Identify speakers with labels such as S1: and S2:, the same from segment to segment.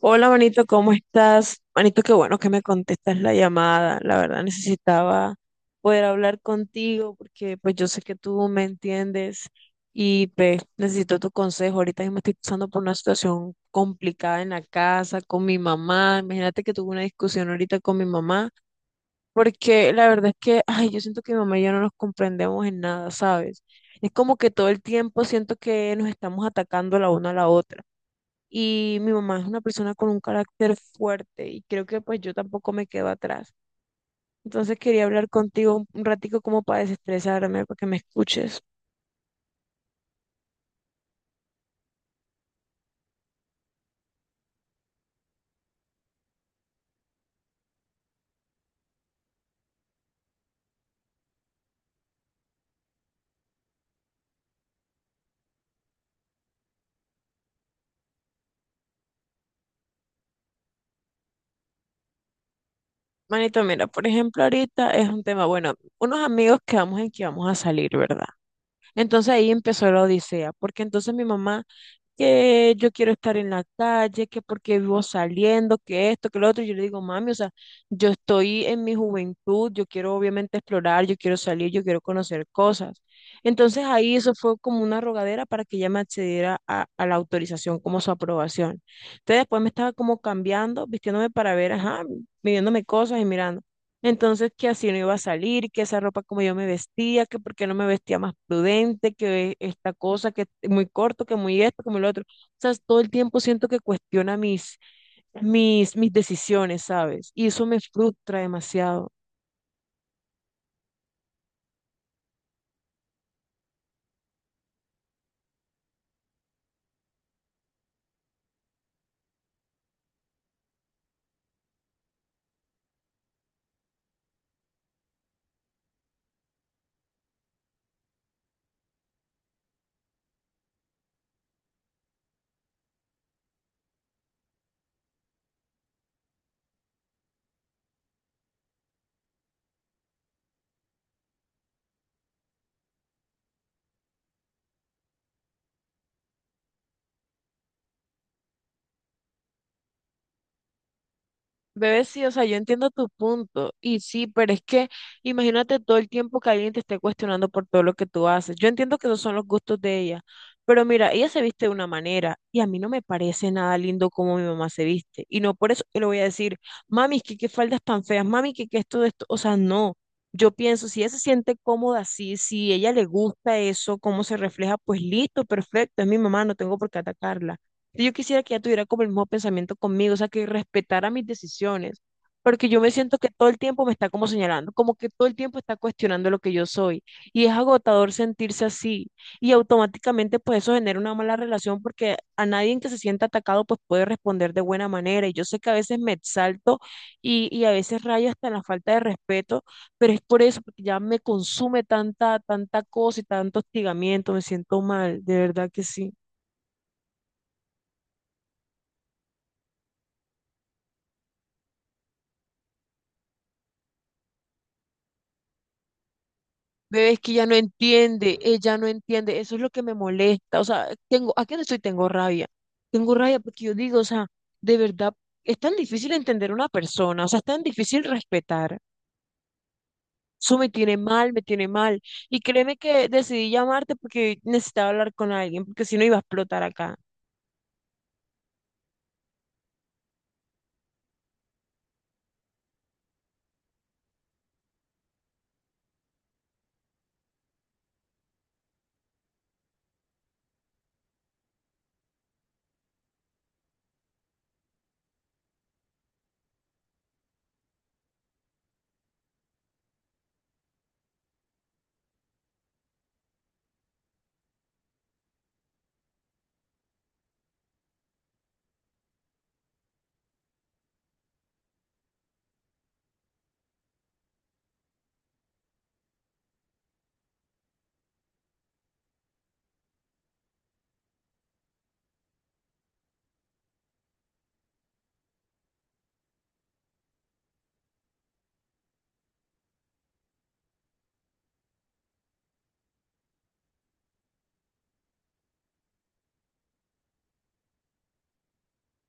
S1: Hola, manito, ¿cómo estás? Manito, qué bueno que me contestas la llamada. La verdad necesitaba poder hablar contigo porque pues yo sé que tú me entiendes y pues necesito tu consejo. Ahorita mismo estoy pasando por una situación complicada en la casa con mi mamá. Imagínate que tuve una discusión ahorita con mi mamá porque la verdad es que, ay, yo siento que mi mamá y yo no nos comprendemos en nada, ¿sabes? Es como que todo el tiempo siento que nos estamos atacando la una a la otra y mi mamá es una persona con un carácter fuerte y creo que pues yo tampoco me quedo atrás. Entonces quería hablar contigo un ratico como para desestresarme, para que me escuches. Manito, mira, por ejemplo, ahorita es un tema, bueno, unos amigos quedamos en que vamos a salir, ¿verdad? Entonces ahí empezó la odisea, porque entonces mi mamá que yo quiero estar en la calle, que porque vivo saliendo, que esto, que lo otro. Yo le digo, mami, o sea, yo estoy en mi juventud, yo quiero obviamente explorar, yo quiero salir, yo quiero conocer cosas. Entonces ahí eso fue como una rogadera para que ella me accediera a la autorización, como su aprobación. Entonces después me estaba como cambiando, vistiéndome para ver, ajá, midiéndome cosas y mirando. Entonces, que así no iba a salir, que esa ropa como yo me vestía, que por qué no me vestía más prudente, que esta cosa, que muy corto, que muy esto, que muy lo otro. O sea, todo el tiempo siento que cuestiona mis decisiones, ¿sabes? Y eso me frustra demasiado. Bebé, sí, o sea, yo entiendo tu punto. Y sí, pero es que imagínate todo el tiempo que alguien te esté cuestionando por todo lo que tú haces. Yo entiendo que esos son los gustos de ella. Pero mira, ella se viste de una manera y a mí no me parece nada lindo como mi mamá se viste. Y no por eso yo le voy a decir, mami, que qué faldas tan feas, mami, que qué esto de esto. O sea, no. Yo pienso, si ella se siente cómoda así, si ella le gusta eso, cómo se refleja, pues listo, perfecto, es mi mamá, no tengo por qué atacarla. Yo quisiera que ella tuviera como el mismo pensamiento conmigo, o sea, que respetara mis decisiones, porque yo me siento que todo el tiempo me está como señalando, como que todo el tiempo está cuestionando lo que yo soy, y es agotador sentirse así, y automáticamente pues eso genera una mala relación porque a nadie en que se sienta atacado pues puede responder de buena manera, y yo sé que a veces me exalto y a veces rayo hasta en la falta de respeto, pero es por eso, porque ya me consume tanta cosa y tanto hostigamiento, me siento mal, de verdad que sí. Bebé, es que ella no entiende, eso es lo que me molesta, o sea, tengo, ¿a qué no estoy? Tengo rabia porque yo digo, o sea, de verdad, es tan difícil entender a una persona, o sea, es tan difícil respetar, eso me tiene mal, y créeme que decidí llamarte porque necesitaba hablar con alguien, porque si no iba a explotar acá.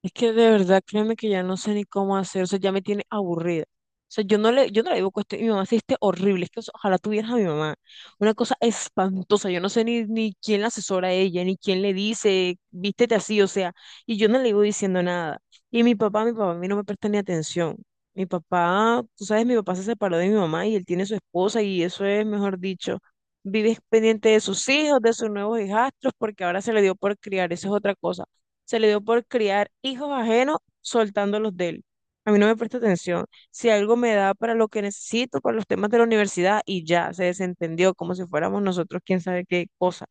S1: Es que de verdad, créeme que ya no sé ni cómo hacer, o sea, ya me tiene aburrida. O sea, yo no le digo que mi mamá se viste horrible, es que o sea, ojalá tuvieras a mi mamá. Una cosa espantosa, yo no sé ni, ni quién la asesora a ella, ni quién le dice, vístete así, o sea, y yo no le iba diciendo nada. Y mi papá a mí no me presta ni atención. Mi papá, tú sabes, mi papá se separó de mi mamá y él tiene su esposa y eso es, mejor dicho, vive pendiente de sus hijos, de sus nuevos hijastros, porque ahora se le dio por criar, eso es otra cosa se le dio por criar hijos ajenos soltando los de él. A mí no me presta atención. Si algo me da para lo que necesito, para los temas de la universidad, y ya se desentendió como si fuéramos nosotros quién sabe qué cosa.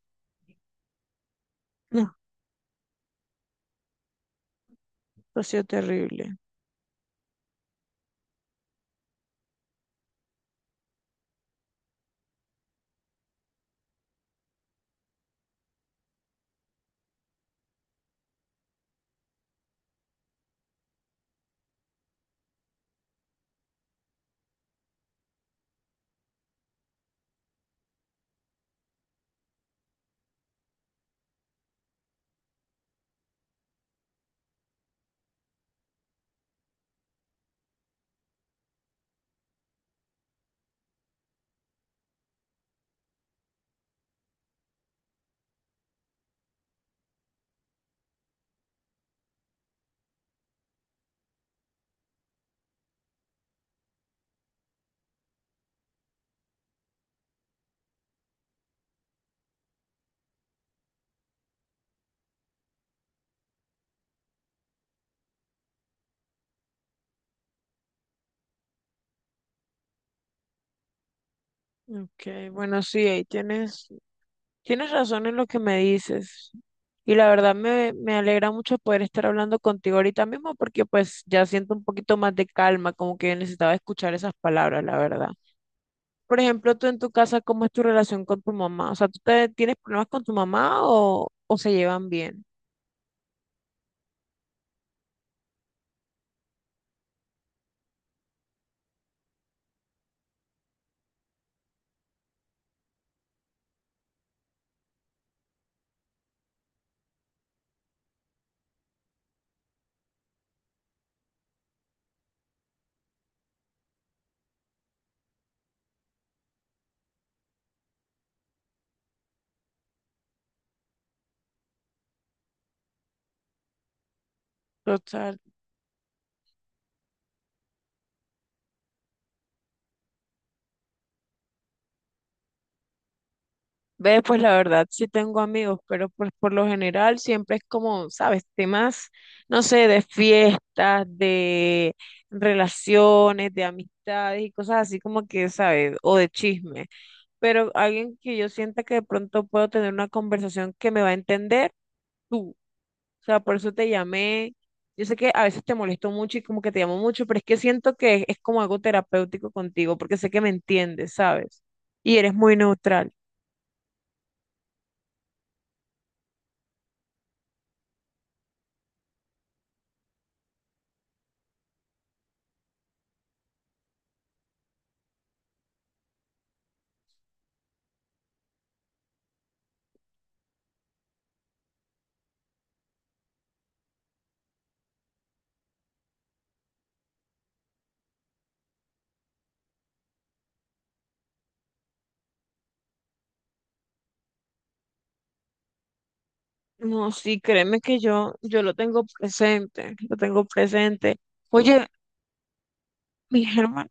S1: No, esto ha sido terrible. Ok, bueno, sí, ahí tienes, tienes razón en lo que me dices. Y la verdad me alegra mucho poder estar hablando contigo ahorita mismo porque pues ya siento un poquito más de calma, como que necesitaba escuchar esas palabras, la verdad. Por ejemplo, tú en tu casa, ¿cómo es tu relación con tu mamá? O sea, tienes problemas con tu mamá o se llevan bien? Total. Ve, pues la verdad, sí tengo amigos, pero pues por lo general siempre es como, ¿sabes? Temas, no sé, de fiestas, de relaciones, de amistades y cosas así como que, ¿sabes? O de chisme. Pero alguien que yo sienta que de pronto puedo tener una conversación que me va a entender. Tú. O sea, por eso te llamé. Yo sé que a veces te molesto mucho y como que te llamo mucho, pero es que siento que es como algo terapéutico contigo, porque sé que me entiendes, ¿sabes? Y eres muy neutral. No, sí, créeme que yo lo tengo presente, lo tengo presente. Oye, mis hermanas,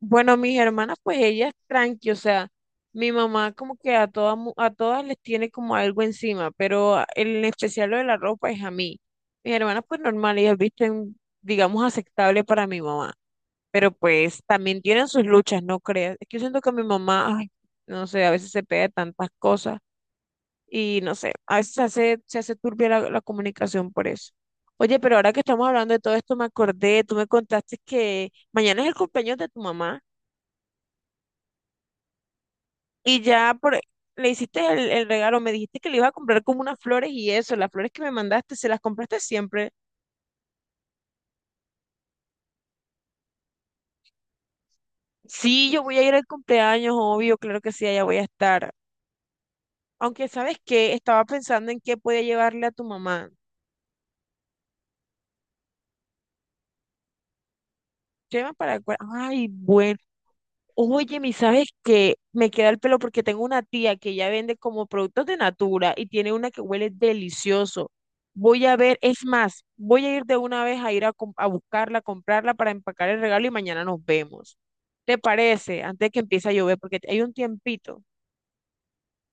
S1: bueno, mis hermanas, pues ellas tranqui, o sea, mi mamá como que a todas, mu- a todas les tiene como algo encima, pero a- en especial lo de la ropa es a mí. Mis hermanas, pues normal, ellas visten, digamos, aceptable para mi mamá. Pero pues también tienen sus luchas, no creas. Es que yo siento que mi mamá, ay, no sé, a veces se pega de tantas cosas y no sé, a veces se hace turbia la comunicación por eso. Oye, pero ahora que estamos hablando de todo esto, me acordé, tú me contaste que mañana es el cumpleaños de tu mamá y ya por, le hiciste el regalo, me dijiste que le ibas a comprar como unas flores y eso, las flores que me mandaste, ¿se las compraste siempre? Sí, yo voy a ir al cumpleaños, obvio, claro que sí, allá voy a estar. Aunque sabes que estaba pensando en qué podía llevarle a tu mamá. Crema para el cuerpo. Ay, bueno. Oye, mi, ¿sabes qué? Me queda el pelo porque tengo una tía que ya vende como productos de Natura y tiene una que huele delicioso. Voy a ver, es más, voy a ir de una vez a ir a, com- a buscarla, a comprarla para empacar el regalo y mañana nos vemos. ¿Te parece? Antes de que empiece a llover, porque hay un tiempito.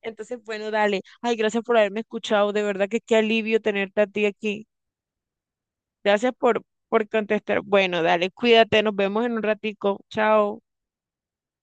S1: Entonces, bueno, dale. Ay, gracias por haberme escuchado. De verdad que qué alivio tenerte a ti aquí. Gracias por, por contestar. Bueno, dale, cuídate, nos vemos en un ratico. Chao.